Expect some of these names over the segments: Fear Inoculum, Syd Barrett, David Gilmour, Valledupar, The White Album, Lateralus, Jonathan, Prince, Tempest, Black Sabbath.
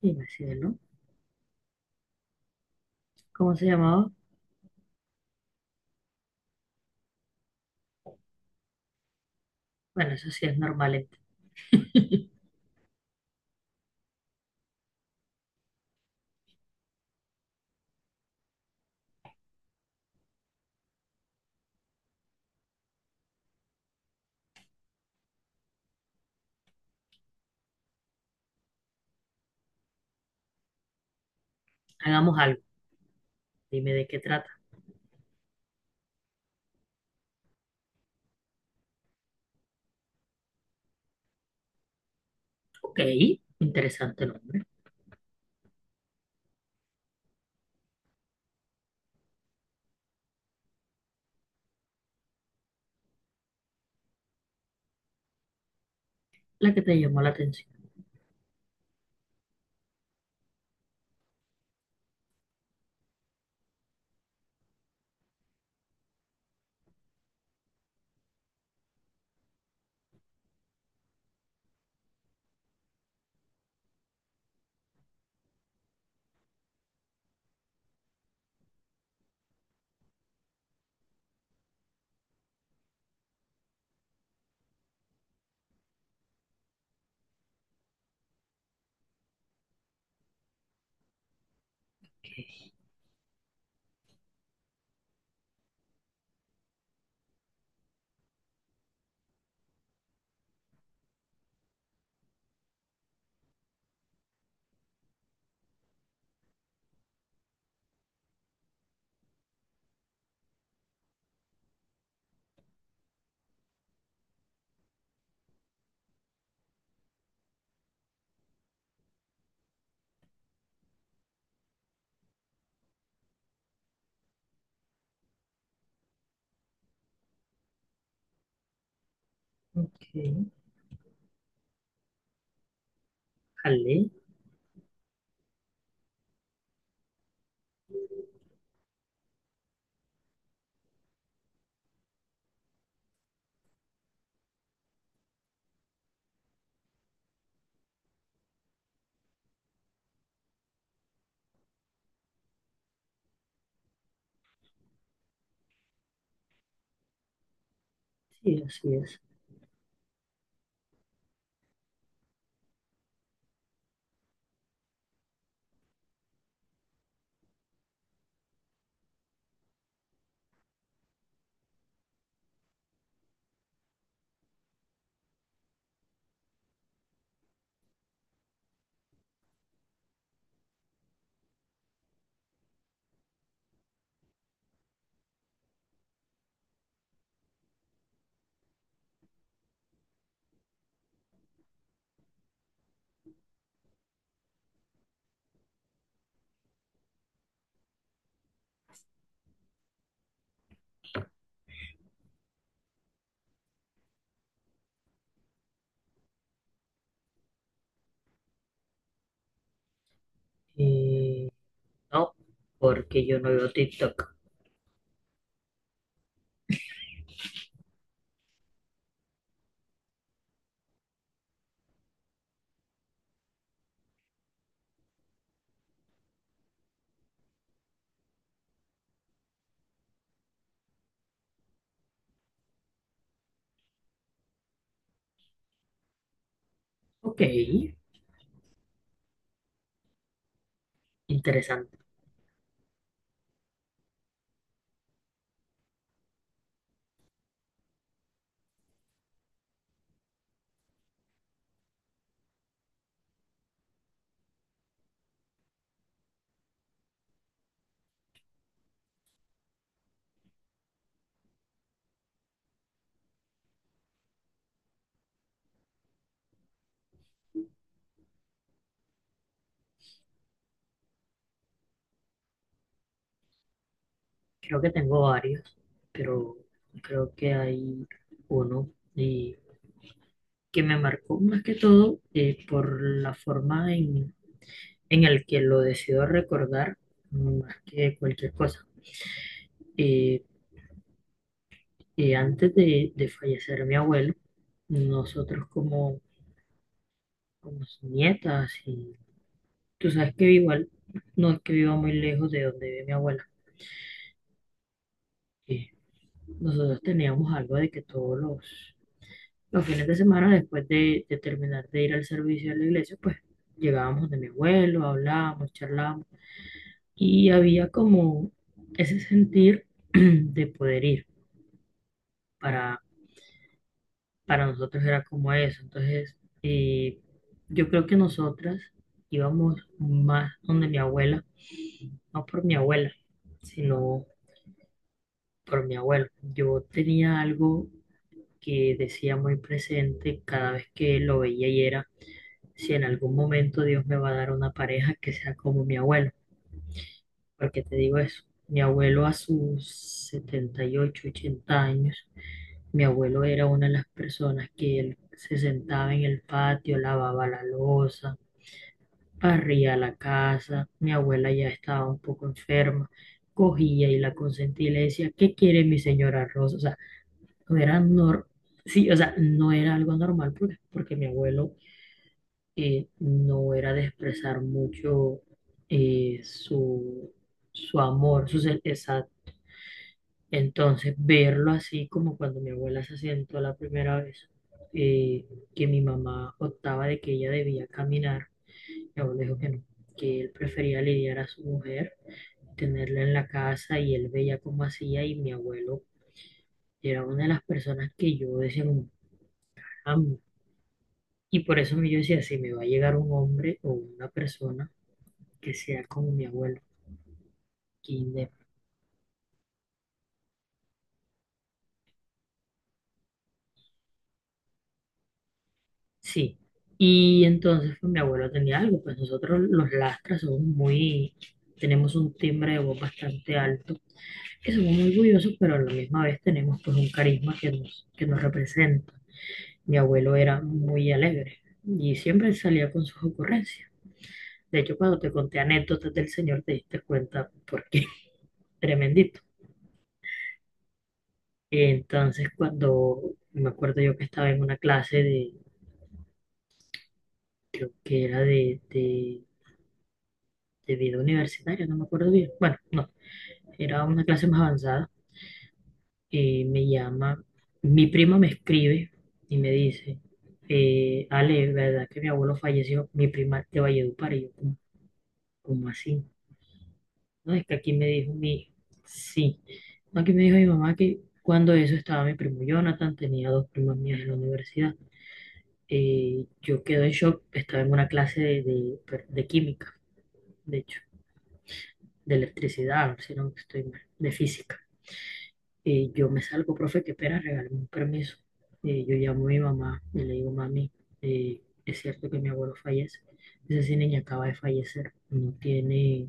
Sí, así es, ¿no? ¿Cómo se llamaba? Bueno, eso sí es normal. Hagamos algo. Dime de qué trata. Ok, interesante nombre. La que te llamó la atención. Ok, ok. Jale. Sí, así es. Eh, no, porque yo no veo TikTok. Ok, interesante. Creo que tengo varios, pero creo que hay uno y que me marcó más que todo, por la forma en el que lo decido recordar más que cualquier cosa. eh, Antes de fallecer mi abuelo, nosotros como, como sus nietas, y tú sabes que igual no es que viva muy lejos de donde vive mi abuela. eh, nosotros teníamos algo de que todos los fines de semana después de terminar de ir al servicio de la iglesia, pues llegábamos de mi abuelo, hablábamos, charlábamos, y había como ese sentir de poder ir para para nosotros era como eso. Entonces, eh, yo creo que nosotras íbamos más donde mi abuela, no por mi abuela, sino por mi abuelo. Yo tenía algo que decía muy presente cada vez que lo veía, y era, si en algún momento Dios me va a dar una pareja que sea como mi abuelo. ¿Por qué te digo eso? Mi abuelo a sus 78, 80 años, mi abuelo era una de las personas que él se sentaba en el patio, lavaba la loza, barría la casa. Mi abuela ya estaba un poco enferma, cogía y la consentía y le decía, ¿qué quiere mi señora Rosa? O sea, no era, nor- sí, o sea, no era algo normal porque, porque mi abuelo no era de expresar mucho eh, su su amor, Entonces, verlo así como cuando mi abuela se sentó la primera vez, eh, que mi mamá optaba de que ella debía caminar, mi abuelo dijo que no, que él prefería lidiar a su mujer, tenerla en la casa y él veía cómo hacía, y mi abuelo era una de las personas que yo decía, como, "Caramba". Y por eso yo decía, si me va a llegar un hombre o una persona que sea como mi abuelo, que sí, y entonces pues, mi abuelo tenía algo, pues nosotros los lastras somos muy, tenemos un timbre de voz bastante alto, que somos muy orgullosos, pero a la misma vez tenemos pues un carisma que nos representa. Mi abuelo era muy alegre y siempre salía con sus ocurrencias. De hecho, cuando te conté anécdotas del señor, te diste cuenta porque tremendito. Entonces, cuando me acuerdo yo que estaba en una clase de, creo que era de vida universitaria, no me acuerdo bien. Bueno, no, era una clase más avanzada. Me llama, mi prima me escribe y me dice, Ale, ¿verdad que mi abuelo falleció? Mi prima de Valledupar. Y yo, cómo así? No, es que aquí me dijo sí, no, aquí me dijo mi mamá que cuando eso estaba mi primo Jonathan, tenía dos primas mías en la universidad. Yo quedé en shock, estaba en una clase de, de química, de hecho, de electricidad, si no estoy mal, de física. Yo me salgo, profe, que espera, regálame un permiso. Yo llamo a mi mamá y le digo, mami, es cierto que mi abuelo fallece. Dice, sí, niña, acaba de fallecer. No tiene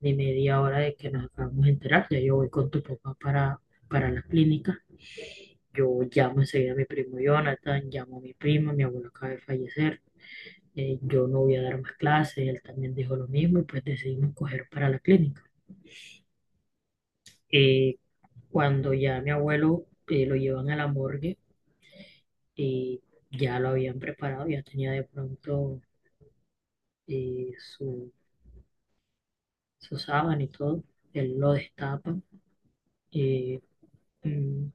ni media hora de que nos acabamos de enterar. Ya yo voy con tu papá para la clínica. Yo llamo enseguida a mi primo Jonathan, llamo a mi prima, mi abuelo acaba de fallecer. Yo no voy a dar más clases, él también dijo lo mismo y pues decidimos coger para la clínica. Eh, cuando ya mi abuelo lo llevan a la morgue, y ya lo habían preparado, ya tenía de pronto eh, su, su sábana y todo, él lo destapa. eh, mm,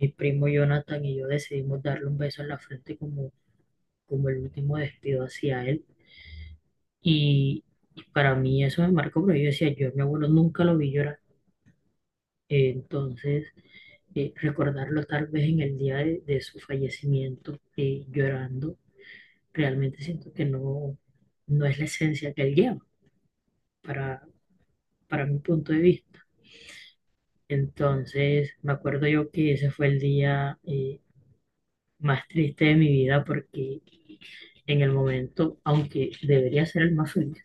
Mi primo Jonathan y yo decidimos darle un beso en la frente como, como el último despido hacia él. Y, y para mí eso me marcó, pero yo decía, yo a mi abuelo nunca lo vi llorar. Entonces, recordarlo tal vez en el día de su fallecimiento, llorando, realmente siento que no, no es la esencia que él lleva para, para mi punto de vista. Entonces, me acuerdo yo que ese fue el día, más triste de mi vida porque en el momento, aunque debería ser el más feliz,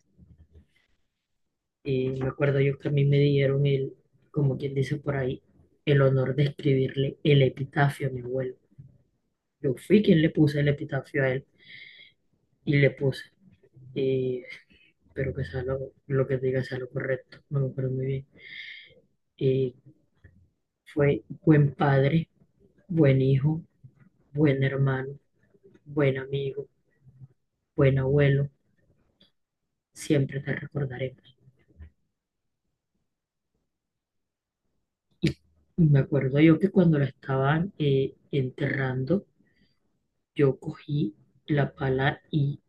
me acuerdo yo que a mí me dieron el, como quien dice por ahí, el honor de escribirle el epitafio a mi abuelo. Yo fui quien le puse el epitafio a él y le puse. eh, Espero que sea lo que diga sea lo correcto, no me acuerdo muy bien. Eh, fue buen padre, buen hijo, buen hermano, buen amigo, buen abuelo, siempre te recordaremos. Me acuerdo yo que cuando la estaban enterrando, yo cogí la pala, y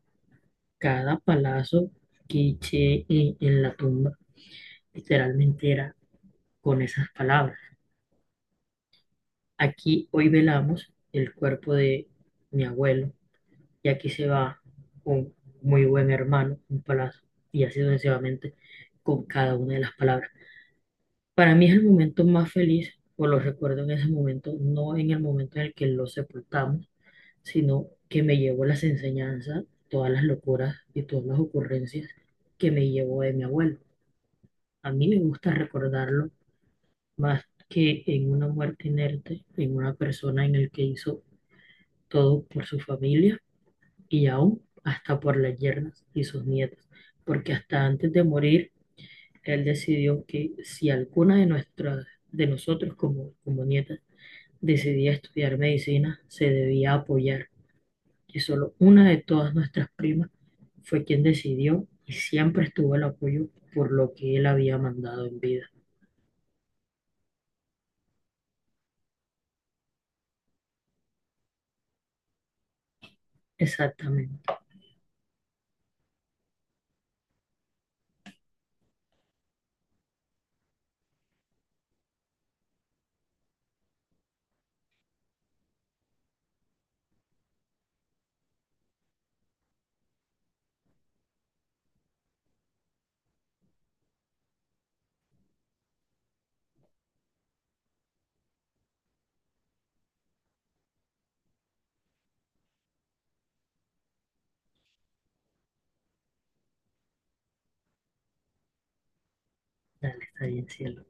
cada palazo que eché en la tumba literalmente era con esas palabras. Aquí hoy velamos el cuerpo de mi abuelo y aquí se va un muy buen hermano, un palazo, y así sucesivamente con cada una de las palabras. Para mí es el momento más feliz, o lo recuerdo en ese momento, no en el momento en el que lo sepultamos, sino que me llevo las enseñanzas, todas las locuras y todas las ocurrencias que me llevó de mi abuelo. A mí me gusta recordarlo más que en una muerte inerte, en una persona en el que hizo todo por su familia y aún hasta por las yernas y sus nietos, porque hasta antes de morir, él decidió que si alguna de nuestras, de nosotros como, como nietas, decidía estudiar medicina, se debía apoyar, que solo una de todas nuestras primas fue quien decidió y siempre estuvo el apoyo por lo que él había mandado en vida. Exactamente. Dale, está bien, cielo.